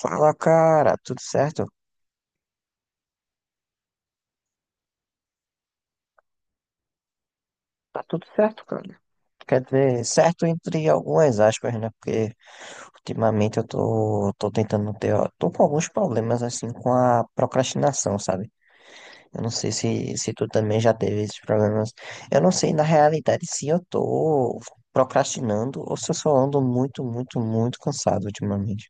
Fala, cara, tudo certo? Tá tudo certo, cara. Quer dizer, certo entre algumas aspas, né? Porque ultimamente eu tô tentando ter, ó, tô com alguns problemas assim com a procrastinação, sabe? Eu não sei se tu também já teve esses problemas. Eu não sei na realidade se eu tô procrastinando ou se eu só ando muito, muito, muito cansado ultimamente.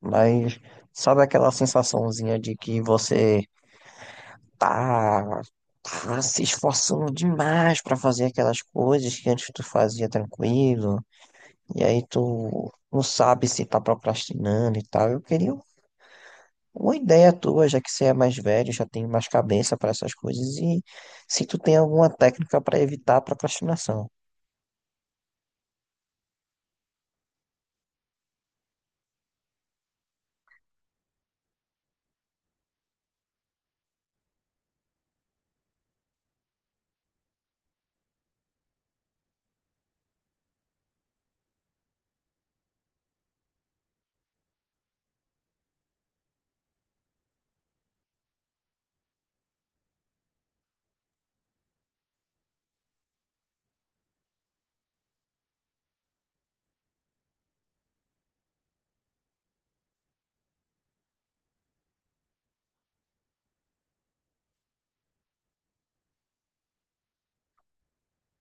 Mas sabe aquela sensaçãozinha de que você tá, tá se esforçando demais pra fazer aquelas coisas que antes tu fazia tranquilo, e aí tu não sabe se tá procrastinando e tal. Eu queria uma ideia tua, já que você é mais velho, já tem mais cabeça pra essas coisas, e se tu tem alguma técnica pra evitar a procrastinação.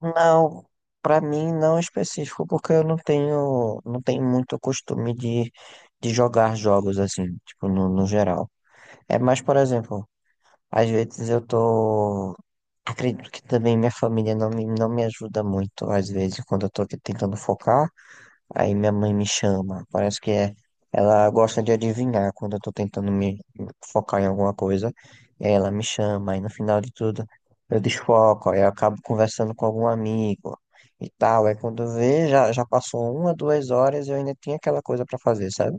Não, pra mim não é específico, porque eu não tenho muito costume de jogar jogos assim, tipo, no geral. É mais, por exemplo, às vezes eu tô. Acredito que também minha família não me ajuda muito, às vezes, quando eu tô aqui tentando focar, aí minha mãe me chama. Parece que é, ela gosta de adivinhar quando eu tô tentando me focar em alguma coisa. E aí ela me chama, aí no final de tudo eu desfoco, aí eu acabo conversando com algum amigo e tal. Aí quando vê, já passou uma, 2 horas e eu ainda tinha aquela coisa pra fazer, sabe?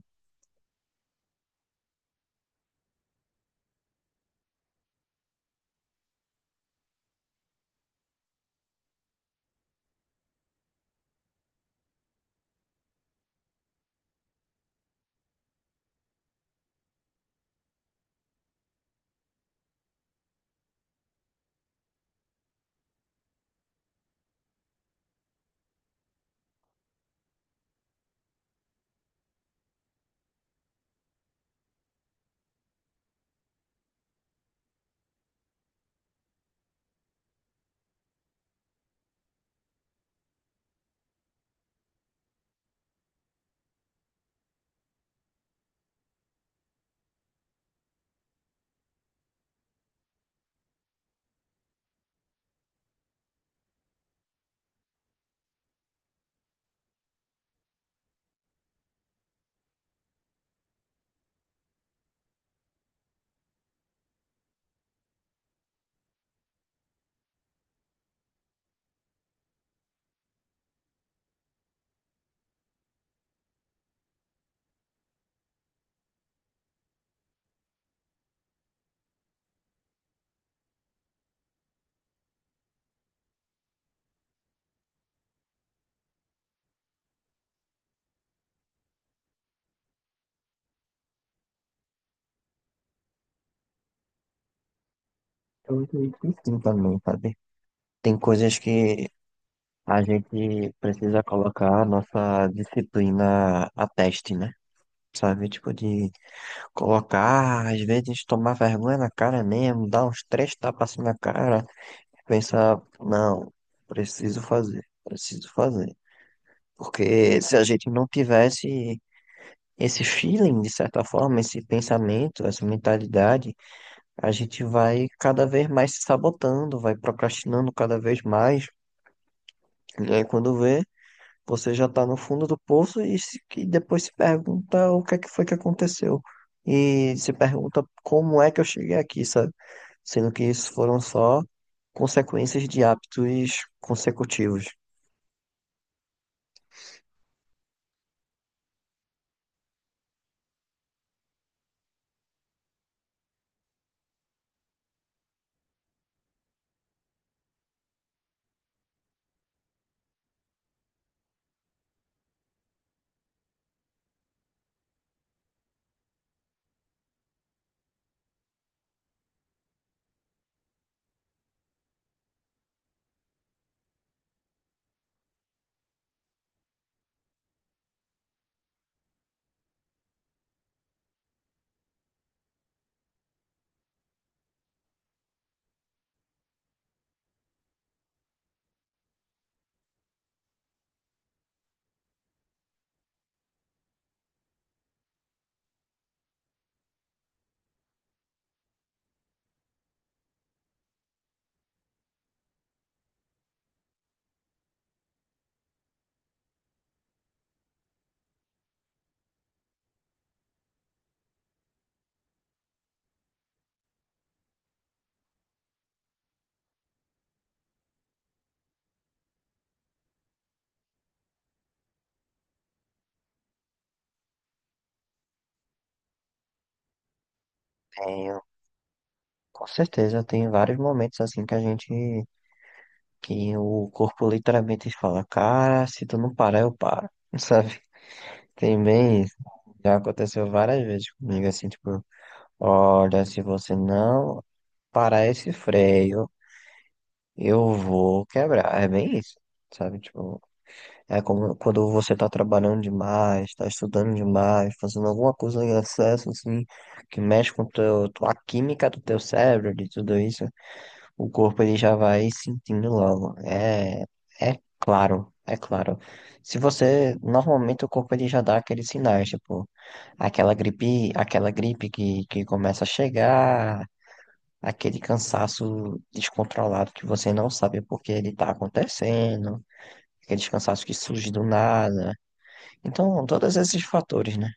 Eu acredito que sim também, sabe? Tem coisas que a gente precisa colocar a nossa disciplina a teste, né? Sabe, tipo, de colocar, às vezes tomar vergonha na cara mesmo, dar uns três tapas assim na cara, pensar, não, preciso fazer, preciso fazer. Porque se a gente não tivesse esse feeling, de certa forma, esse pensamento, essa mentalidade, a gente vai cada vez mais se sabotando, vai procrastinando cada vez mais. E aí, quando vê, você já está no fundo do poço e, e depois se pergunta o que é que foi que aconteceu. E se pergunta como é que eu cheguei aqui, sabe? Sendo que isso foram só consequências de hábitos consecutivos. Tenho, com certeza, tem vários momentos assim que a gente, que o corpo literalmente fala, cara, se tu não parar, eu paro, sabe? Tem bem isso. Já aconteceu várias vezes comigo, assim, tipo, olha, se você não parar esse freio, eu vou quebrar. É bem isso, sabe? Tipo, é como quando você tá trabalhando demais, tá estudando demais, fazendo alguma coisa em excesso, assim, que mexe com teu, a química do teu cérebro, de tudo isso, o corpo ele já vai sentindo logo. É, é claro, é claro. Se você, normalmente o corpo ele já dá aqueles sinais, tipo, aquela gripe que começa a chegar, aquele cansaço descontrolado que você não sabe por que ele está acontecendo, aquele cansaço que surge do nada. Então, todos esses fatores, né?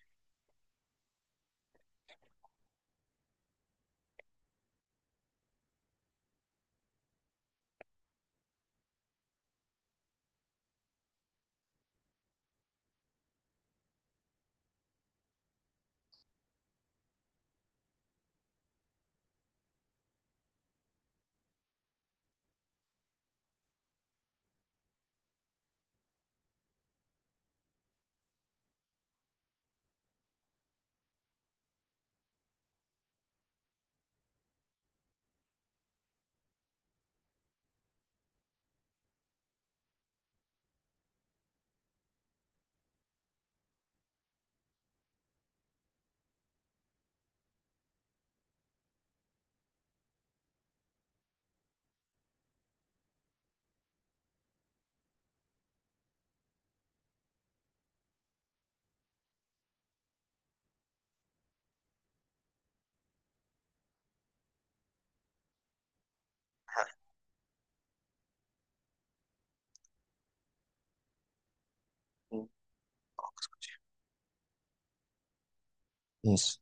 Isso.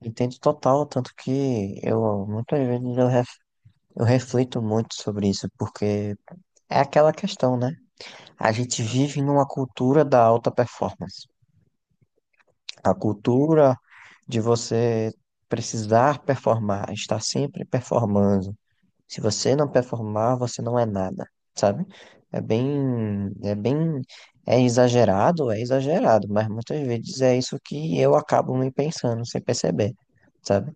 Entendo total, tanto que eu muitas vezes eu reflito muito sobre isso, porque é aquela questão, né? A gente vive numa cultura da alta performance. A cultura de você precisar performar, estar sempre performando. Se você não performar, você não é nada, sabe? É bem, é bem, é exagerado, mas muitas vezes é isso que eu acabo me pensando sem perceber, sabe?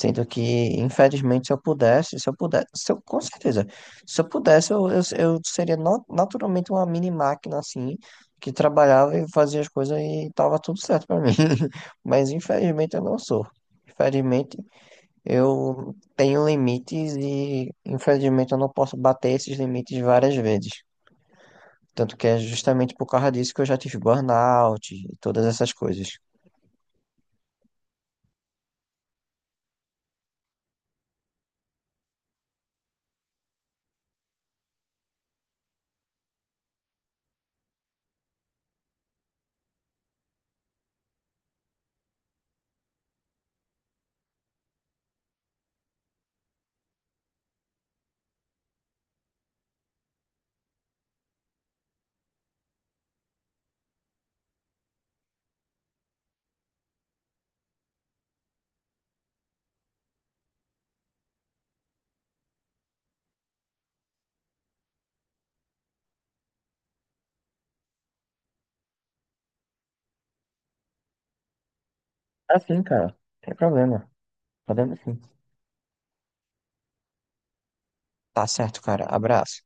Sendo que, infelizmente, se eu pudesse, se eu pudesse, se eu, com certeza, se eu pudesse, eu seria naturalmente uma mini máquina assim, que trabalhava e fazia as coisas e tava tudo certo pra mim. Mas infelizmente eu não sou. Infelizmente, eu tenho limites e, infelizmente, eu não posso bater esses limites várias vezes. Tanto que é justamente por causa disso que eu já tive burnout e todas essas coisas. Assim, cara. Sem problema. Podemos sim. Tá certo, cara. Abraço.